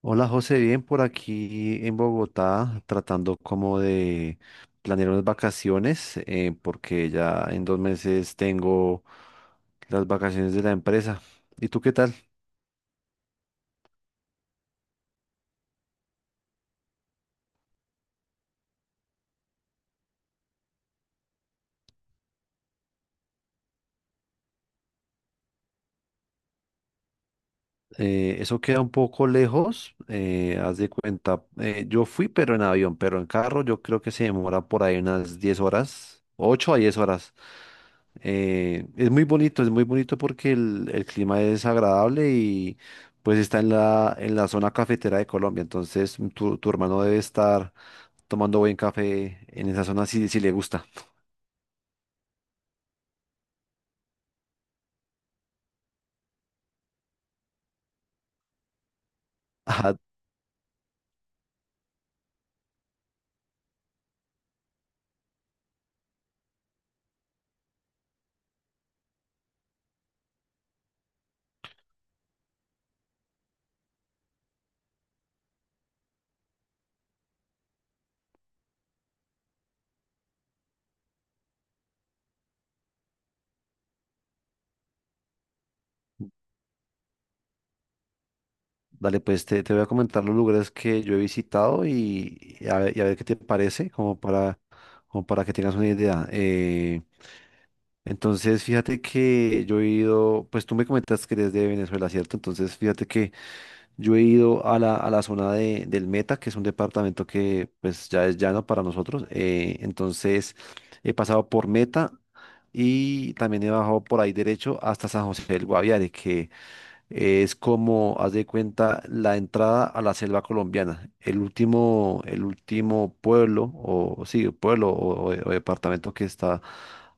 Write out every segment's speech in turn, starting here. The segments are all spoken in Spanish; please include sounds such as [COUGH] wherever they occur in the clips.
Hola José, bien por aquí en Bogotá, tratando como de planear unas vacaciones, porque ya en 2 meses tengo las vacaciones de la empresa. ¿Y tú qué tal? Eso queda un poco lejos, haz de cuenta, yo fui pero en avión, pero en carro yo creo que se demora por ahí unas 10 horas, 8 a 10 horas. Es muy bonito porque el clima es agradable y pues está en la, zona cafetera de Colombia. Entonces tu hermano debe estar tomando buen café en esa zona si le gusta. [LAUGHS] Ajá, dale, pues te voy a comentar los lugares que yo he visitado y a ver qué te parece, como para que tengas una idea. Entonces fíjate que yo he ido, pues tú me comentas que eres de Venezuela, ¿cierto? Entonces fíjate que... Yo he ido a la zona del Meta, que es un departamento que pues ya es llano para nosotros. Entonces he pasado por Meta y también he bajado por ahí derecho hasta San José del Guaviare, que es como, haz de cuenta, la entrada a la selva colombiana. El último pueblo, o sí, pueblo o departamento que está,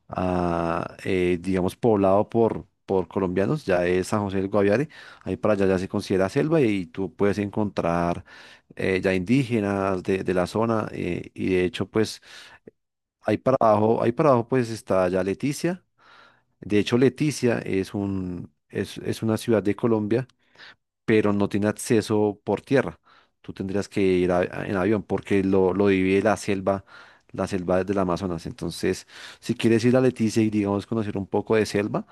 digamos, poblado por colombianos, ya es San José del Guaviare. Ahí para allá ya se considera selva y tú puedes encontrar ya indígenas de la zona. Y de hecho, pues, ahí para abajo, pues está ya Leticia. De hecho, Leticia es un, es una ciudad de Colombia, pero no tiene acceso por tierra. Tú tendrías que ir en avión porque lo divide la selva del Amazonas. Entonces, si quieres ir a Leticia y, digamos, conocer un poco de selva,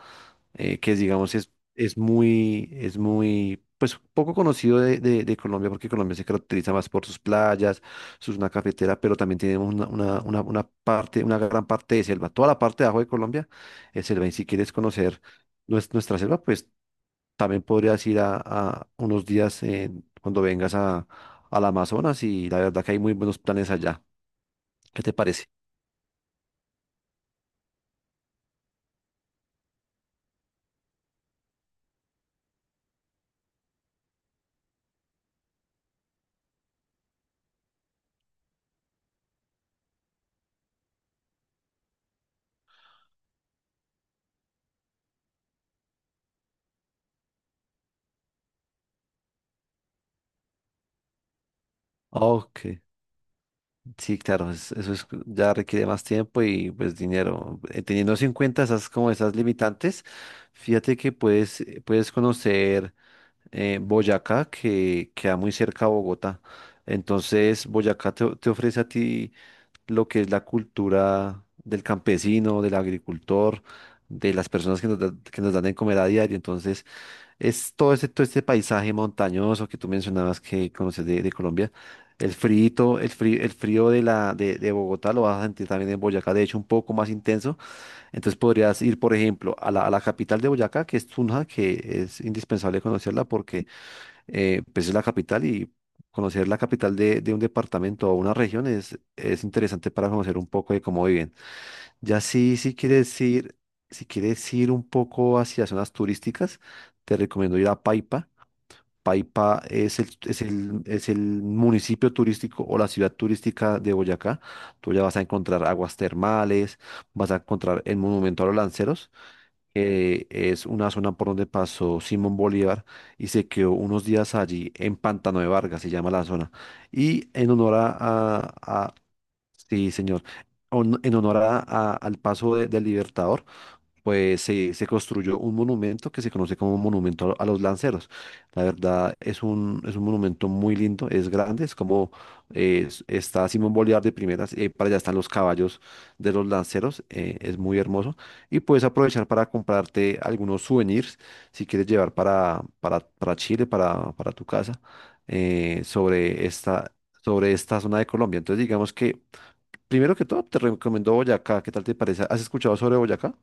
que, digamos, es muy, pues, poco conocido de Colombia porque Colombia se caracteriza más por sus playas, sus una cafetera, pero también tenemos una parte, una gran parte de selva. Toda la parte de abajo de Colombia es selva. Y si quieres conocer nuestra selva, pues también podrías ir a unos días cuando vengas al Amazonas, y la verdad que hay muy buenos planes allá. ¿Qué te parece? Ok, sí, claro, eso es, ya requiere más tiempo y pues dinero. Teniendo en cuenta esas como esas limitantes, fíjate que puedes conocer, Boyacá, que queda muy cerca a Bogotá. Entonces, Boyacá te ofrece a ti lo que es la cultura del campesino, del agricultor, de las personas que que nos dan de comer a diario. Entonces, es todo este paisaje montañoso que tú mencionabas que conoces de Colombia. El frío de Bogotá lo vas a sentir también en Boyacá, de hecho un poco más intenso. Entonces podrías ir, por ejemplo, a la capital de Boyacá, que es Tunja, que es indispensable conocerla porque, pues, es la capital, y conocer la capital de un departamento o una región es interesante para conocer un poco de cómo viven. Ya si quieres ir un poco hacia zonas turísticas, te recomiendo ir a Paipa. Paipa es el municipio turístico o la ciudad turística de Boyacá. Tú ya vas a encontrar aguas termales, vas a encontrar el monumento a los lanceros, que es una zona por donde pasó Simón Bolívar y se quedó unos días allí en Pantano de Vargas, se llama la zona. Y en honor a- Sí, señor. En honor al paso del Libertador pues se construyó un monumento que se conoce como Monumento a los Lanceros. La verdad es un monumento muy lindo, es grande, está Simón Bolívar de primeras, y ahí para allá están los caballos de los lanceros, es muy hermoso. Y puedes aprovechar para comprarte algunos souvenirs si quieres llevar para Chile, para tu casa, eh, sobre esta... sobre esta zona de Colombia. Entonces, digamos que, primero que todo, te recomiendo Boyacá. ¿Qué tal te parece? ¿Has escuchado sobre Boyacá?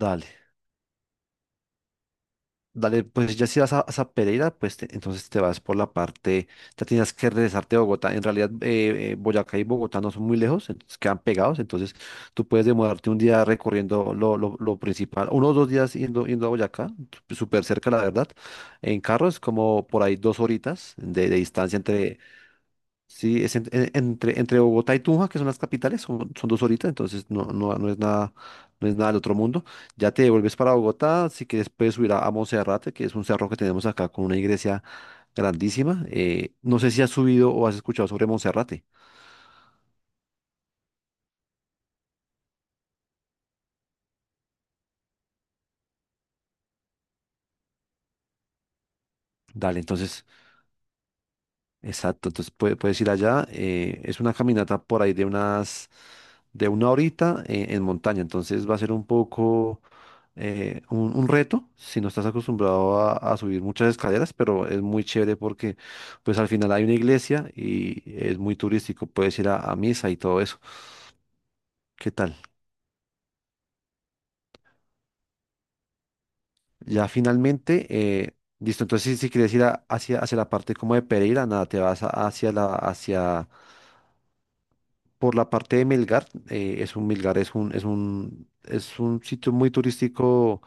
Dale. Dale, pues ya si vas a Pereira, pues entonces te vas por la parte, ya tienes que regresarte a Bogotá. En realidad, Boyacá y Bogotá no son muy lejos, entonces quedan pegados. Entonces tú puedes demorarte un día recorriendo lo principal, uno o dos días yendo a Boyacá, súper cerca, la verdad. En carro es como por ahí 2 horitas de distancia entre, sí, es en- entre, entre Bogotá y Tunja, que son las capitales, son 2 horitas, entonces no es nada del otro mundo. Ya te devuelves para Bogotá, si quieres puedes subir a Monserrate, que es un cerro que tenemos acá con una iglesia grandísima. No sé si has subido o has escuchado sobre Monserrate. Dale. Exacto. puedes ir allá. Es una caminata por ahí de una horita en montaña, entonces va a ser un poco, un, reto si no estás acostumbrado a subir muchas escaleras, pero es muy chévere porque pues al final hay una iglesia y es muy turístico, puedes ir a misa y todo eso. ¿Qué tal? Ya finalmente, listo, entonces si quieres ir hacia la parte como de Pereira, nada, te vas a- hacia la, hacia... por la parte de Melgar. Es un Melgar es un, es un sitio muy turístico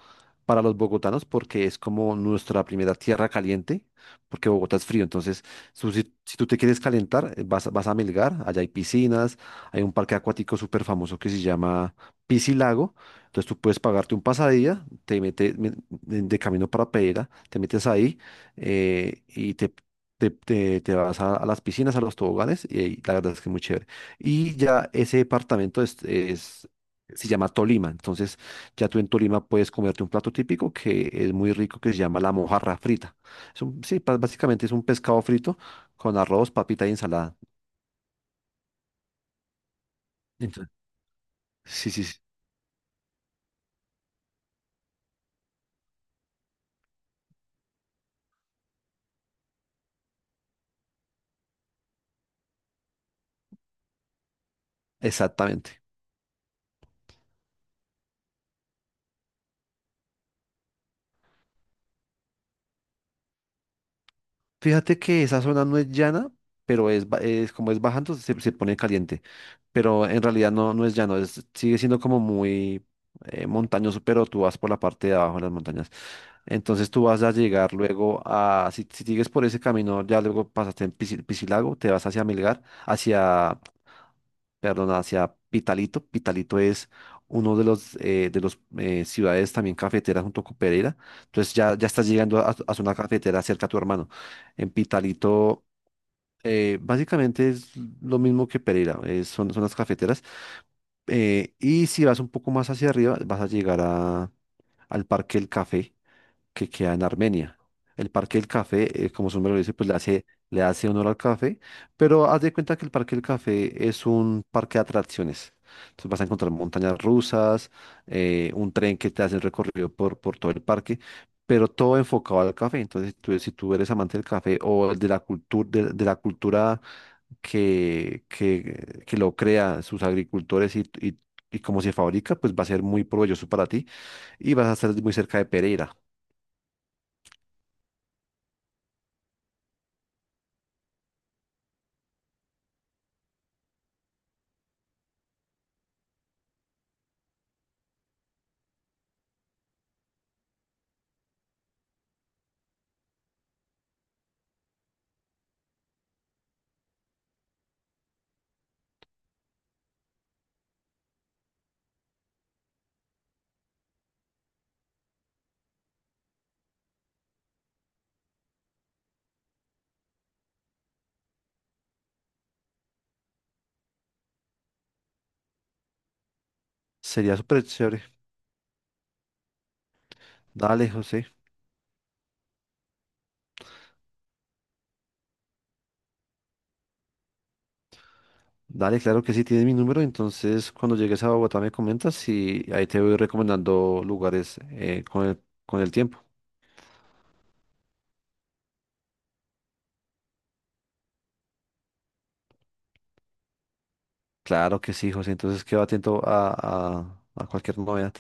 para los bogotanos porque es como nuestra primera tierra caliente, porque Bogotá es frío. Entonces, si tú te quieres calentar, vas a Melgar, allá hay piscinas, hay un parque acuático súper famoso que se llama Piscilago. Entonces, tú puedes pagarte un pasadía, te metes, de camino para Pereira, te metes ahí, y te vas a las piscinas, a los toboganes, y ahí la verdad es que es muy chévere. Y ya ese departamento se llama Tolima. Entonces, ya tú en Tolima puedes comerte un plato típico que es muy rico, que se llama la mojarra frita. Sí, básicamente es un pescado frito con arroz, papita y ensalada. Entonces, sí, sí, sí, exactamente. Fíjate que esa zona no es llana, pero es como es bajando, se pone caliente. Pero en realidad no es llano, sigue siendo como muy, montañoso, pero tú vas por la parte de abajo de las montañas. Entonces tú vas a llegar luego a, si, si sigues por ese camino, ya luego pasaste en Pisilago, te vas hacia Milgar hacia, perdón, hacia Pitalito. Pitalito es uno de los ciudades también cafeteras junto con Pereira. Entonces ya estás llegando a zona cafetera cerca a tu hermano. En Pitalito, básicamente es lo mismo que Pereira, son las cafeteras. Y si vas un poco más hacia arriba, vas a llegar al Parque El Café, que queda en Armenia. El Parque del Café, como su nombre lo dice, pues le hace honor al café, pero haz de cuenta que el Parque del Café es un parque de atracciones. Entonces vas a encontrar montañas rusas, un tren que te hace el recorrido por todo el parque, pero todo enfocado al café. Entonces, si tú eres amante del café o de la cultura, de la cultura que, que lo crea sus agricultores, y cómo se fabrica, pues va a ser muy provechoso para ti y vas a estar muy cerca de Pereira. Sería súper chévere. Dale, José. Dale, claro que sí, tienes mi número. Entonces, cuando llegues a Bogotá me comentas y ahí te voy recomendando lugares, con el, tiempo. Claro que sí, José. Entonces, quedo atento a cualquier novedad.